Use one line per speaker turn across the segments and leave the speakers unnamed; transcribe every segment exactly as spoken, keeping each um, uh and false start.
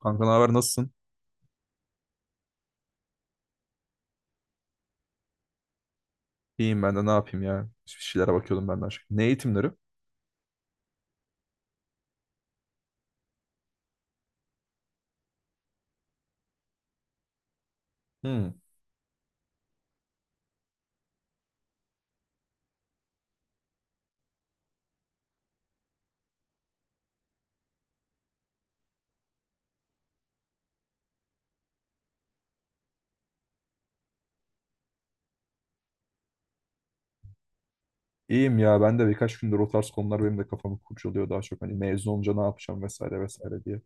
Kanka, ne haber, nasılsın? İyiyim, ben de ne yapayım ya. Bir şeylere bakıyordum ben de aşk. Ne eğitimleri? Hmm. İyiyim ya, ben de birkaç gündür o tarz konular benim de kafamı kurcalıyor daha çok. Hani mezun olunca ne yapacağım vesaire vesaire diye.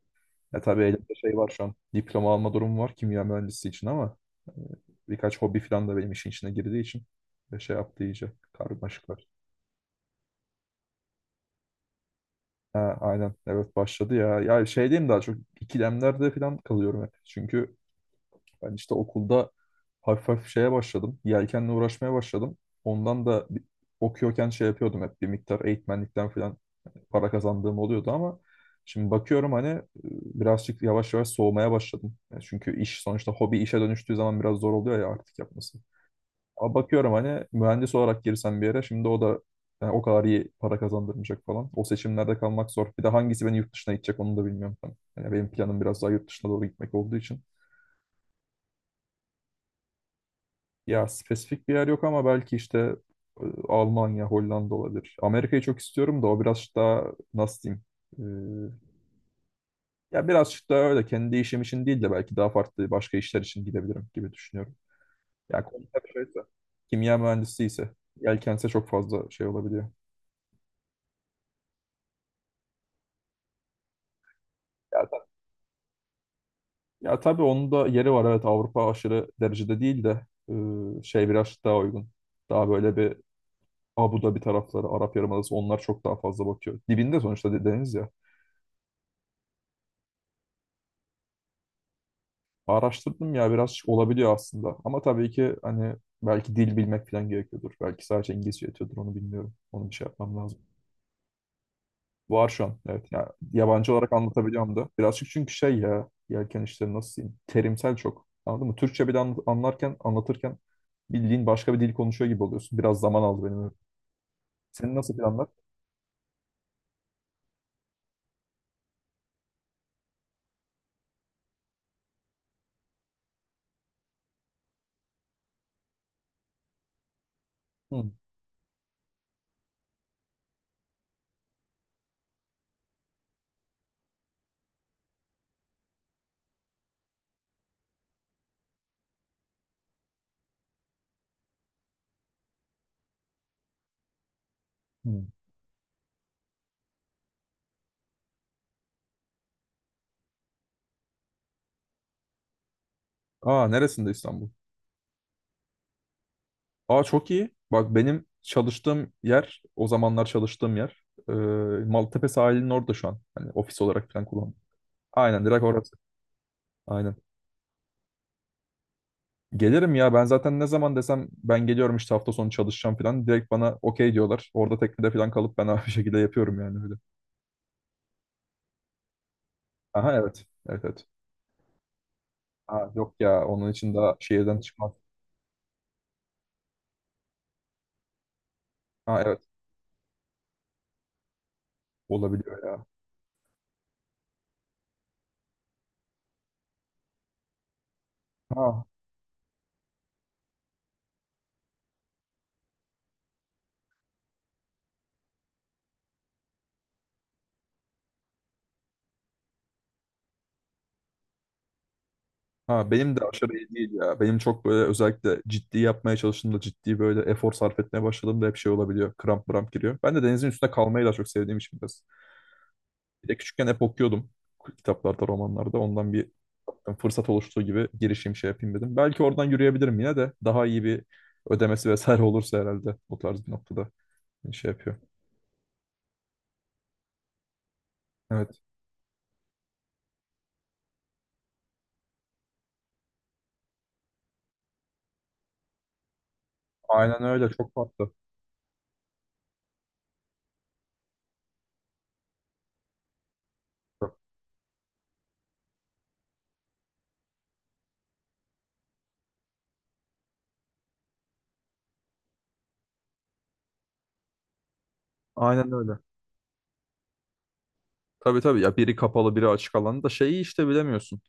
Ya tabii elimde şey var şu an. Diploma alma durumu var kimya mühendisi için ama e, birkaç hobi falan da benim işin içine girdiği için ve şey yaptı iyice karmaşık var. Ha, aynen evet başladı ya. Ya şey diyeyim, daha çok ikilemlerde falan kalıyorum hep. Çünkü Ben işte okulda hafif hafif şeye başladım. Yelkenle uğraşmaya başladım. Ondan da bir- okuyorken şey yapıyordum, hep bir miktar eğitmenlikten falan para kazandığım oluyordu ama şimdi bakıyorum hani e, birazcık yavaş yavaş soğumaya başladım. Yani çünkü iş sonuçta hobi işe dönüştüğü zaman biraz zor oluyor ya artık yapması. Ama bakıyorum hani mühendis olarak girsem bir yere şimdi o da yani o kadar iyi para kazandırmayacak falan. O seçimlerde kalmak zor. Bir de hangisi beni yurt dışına itecek onu da bilmiyorum ben. Yani benim planım biraz daha yurt dışına doğru gitmek olduğu için. Ya spesifik bir yer yok ama belki işte e, Almanya, Hollanda olabilir. Amerika'yı çok istiyorum da o biraz daha nasıl diyeyim? E, ya biraz daha öyle kendi işim için değil de belki daha farklı başka işler için gidebilirim gibi düşünüyorum. Ya konser şeyse, kimya mühendisi ise yelkense çok fazla şey olabiliyor. Ya, ta- Ya tabii onun da yeri var, evet, Avrupa aşırı derecede değil de e, şey biraz daha uygun. Daha böyle bir Abu Dhabi tarafları, Arap Yarımadası onlar çok daha fazla bakıyor. Dibinde sonuçta de- deniz ya. Araştırdım ya, biraz olabiliyor aslında. Ama tabii ki hani belki dil bilmek falan gerekiyordur. Belki sadece İngilizce yetiyordur, onu bilmiyorum. Onu bir şey yapmam lazım. Var şu an, evet. Ya yabancı olarak anlatabiliyorum da. Birazcık çünkü şey, ya yelken işleri nasıl diyeyim. Terimsel çok. Anladın mı? Türkçe bir de anla- anlarken anlatırken bildiğin başka bir dil konuşuyor gibi oluyorsun. Biraz zaman aldı benim. Öyle. Senin nasıl planlar? Hı. Hı. Aa, neresinde İstanbul? Aa, çok iyi. Bak benim çalıştığım yer, o zamanlar çalıştığım yer e, Maltepe sahilinin orada şu an. Hani ofis olarak falan kullanıyorum. Aynen, direkt orası. Aynen. Gelirim ya, ben zaten ne zaman desem ben geliyorum işte hafta sonu çalışacağım falan, direkt bana okey diyorlar. Orada teknede falan kalıp ben bir şekilde yapıyorum yani, öyle. Aha, evet. Evet, evet. Ha, yok ya, onun için daha şehirden çıkmaz. Ha evet, olabiliyor ya. Ha. Ha, benim de aşırı iyi değil ya. Benim çok böyle özellikle ciddi yapmaya çalıştığımda, ciddi böyle efor sarf etmeye başladığımda hep şey olabiliyor. Kramp mramp giriyor. Ben de denizin üstünde kalmayı daha çok sevdiğim için biraz. Bir de küçükken hep okuyordum kitaplarda, romanlarda. Ondan bir fırsat oluştuğu gibi girişim şey yapayım dedim. Belki oradan yürüyebilirim yine de, daha iyi bir ödemesi vesaire olursa herhalde o tarz bir noktada şey yapıyor. Evet. Aynen öyle. Çok farklı. Aynen öyle. Tabii tabii ya, biri kapalı biri açık alanda da şeyi işte bilemiyorsun.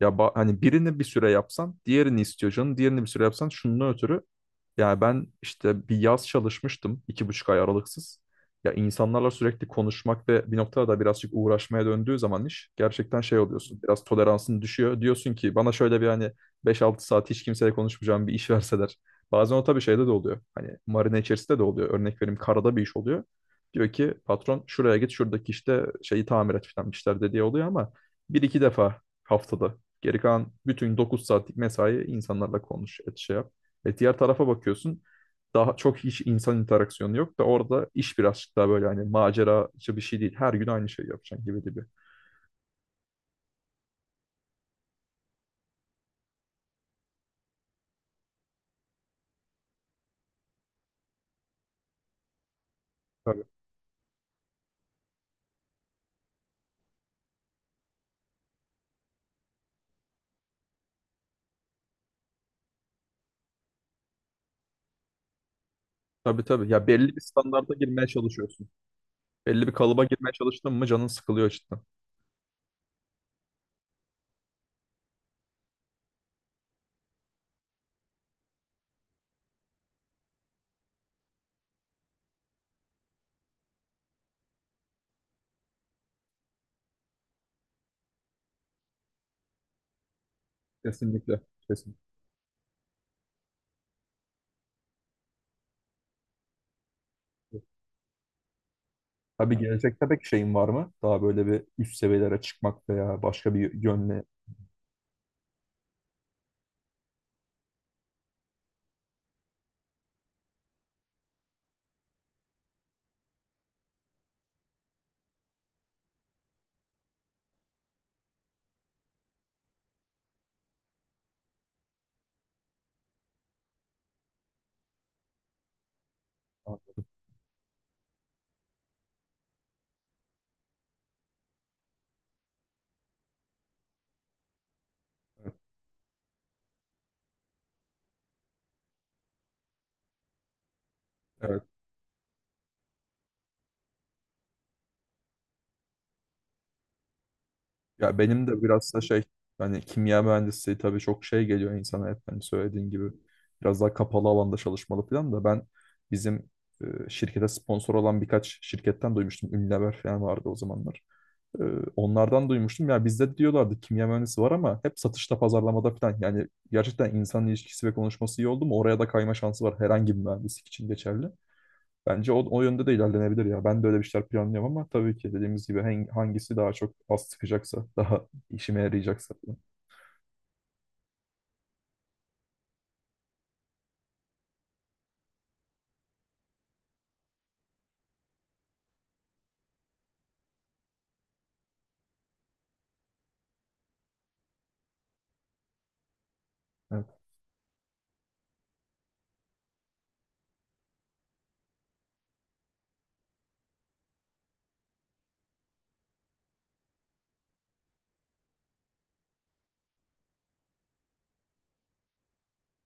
Ya ba- hani birini bir süre yapsan diğerini istiyor canım. Diğerini bir süre yapsan şunun ötürü. Yani ben işte bir yaz çalışmıştım iki buçuk ay aralıksız. Ya insanlarla sürekli konuşmak ve bir noktada da birazcık uğraşmaya döndüğü zaman iş, gerçekten şey oluyorsun. Biraz toleransın düşüyor. Diyorsun ki bana şöyle bir hani beş altı saat hiç kimseyle konuşmayacağım bir iş verseler. Bazen o tabii şeyde de oluyor. Hani marine içerisinde de oluyor. Örnek vereyim, karada bir iş oluyor. Diyor ki patron şuraya git, şuradaki işte şeyi tamir et falan, işler dediği oluyor ama bir iki defa haftada. Geri kalan bütün dokuz saatlik mesai insanlarla konuş et şey yap. E diğer tarafa bakıyorsun, daha çok hiç insan interaksiyonu yok da orada iş birazcık daha böyle hani maceracı bir şey değil. Her gün aynı şeyi yapacaksın gibi gibi. Tabii. Tabii, tabii. Ya belli bir standarda girmeye çalışıyorsun. Belli bir kalıba girmeye çalıştın mı canın sıkılıyor cidden. Kesinlikle. Kesinlikle. Abi, gelecekte pek şeyin var mı? Daha böyle bir üst seviyelere çıkmak veya başka bir yönle. Evet. Evet. Ya benim de biraz da şey, hani kimya mühendisliği tabii çok şey geliyor insana, hep hani söylediğin gibi biraz daha kapalı alanda çalışmalı falan da ben bizim e, şirkete sponsor olan birkaç şirketten duymuştum. Unilever falan vardı o zamanlar. E, onlardan duymuştum. Ya bizde diyorlardı kimya mühendisi var ama hep satışta, pazarlamada falan. Yani gerçekten insan ilişkisi ve konuşması iyi oldu mu oraya da kayma şansı var, herhangi bir mühendislik için geçerli. Bence o, o yönde de ilerlenebilir ya. Ben de öyle bir şeyler planlıyorum ama tabii ki dediğimiz gibi hang- hangisi daha çok az sıkacaksa, daha işime yarayacaksa. Evet.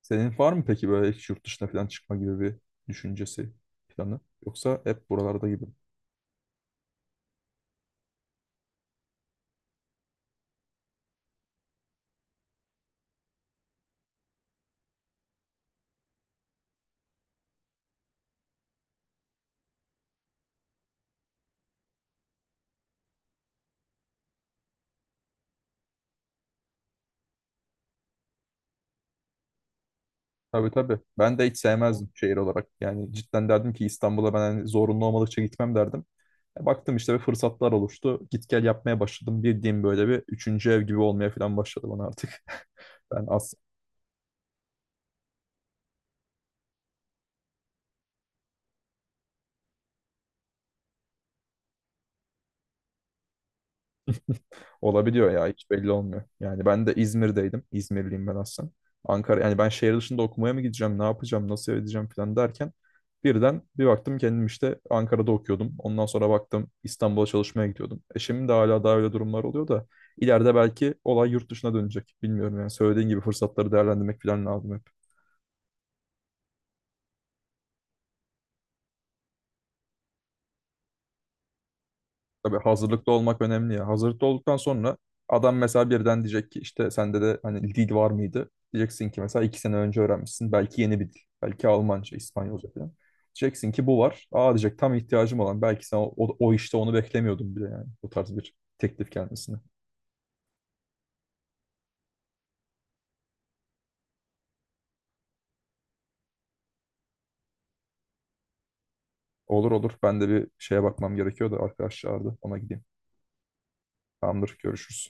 Senin var mı peki böyle hiç yurt dışına falan çıkma gibi bir düşüncesi, planı? Yoksa hep buralarda gibi? Tabii, tabii. Ben de hiç sevmezdim şehir olarak. Yani cidden derdim ki İstanbul'a ben hani zorunlu olmadıkça gitmem derdim. E, baktım işte bir fırsatlar oluştu. Git gel yapmaya başladım. Bildiğim böyle bir üçüncü ev gibi olmaya falan başladı bana artık. Ben. Olabiliyor ya, hiç belli olmuyor. Yani ben de İzmir'deydim. İzmirliyim ben aslında. Ankara, yani ben şehir dışında okumaya mı gideceğim, ne yapacağım, nasıl edeceğim falan derken birden bir baktım kendim işte Ankara'da okuyordum. Ondan sonra baktım İstanbul'a çalışmaya gidiyordum. E şimdi de hala daha öyle durumlar oluyor da ileride belki olay yurt dışına dönecek. Bilmiyorum yani, söylediğin gibi fırsatları değerlendirmek falan lazım hep. Tabii, hazırlıklı olmak önemli ya. Hazırlıklı olduktan sonra adam mesela birden diyecek ki işte sende de hani dil var mıydı? Diyeceksin ki mesela iki sene önce öğrenmişsin. Belki yeni bir dil. Belki Almanca, İspanyolca falan. Diyeceksin ki bu var. Aa, diyecek, tam ihtiyacım olan. Belki sen o, o, o işte onu beklemiyordum bile yani. Bu tarz bir teklif gelmesine. Olur, olur. Ben de bir şeye bakmam gerekiyor da arkadaşlar da ona gideyim. Tamamdır. Görüşürüz.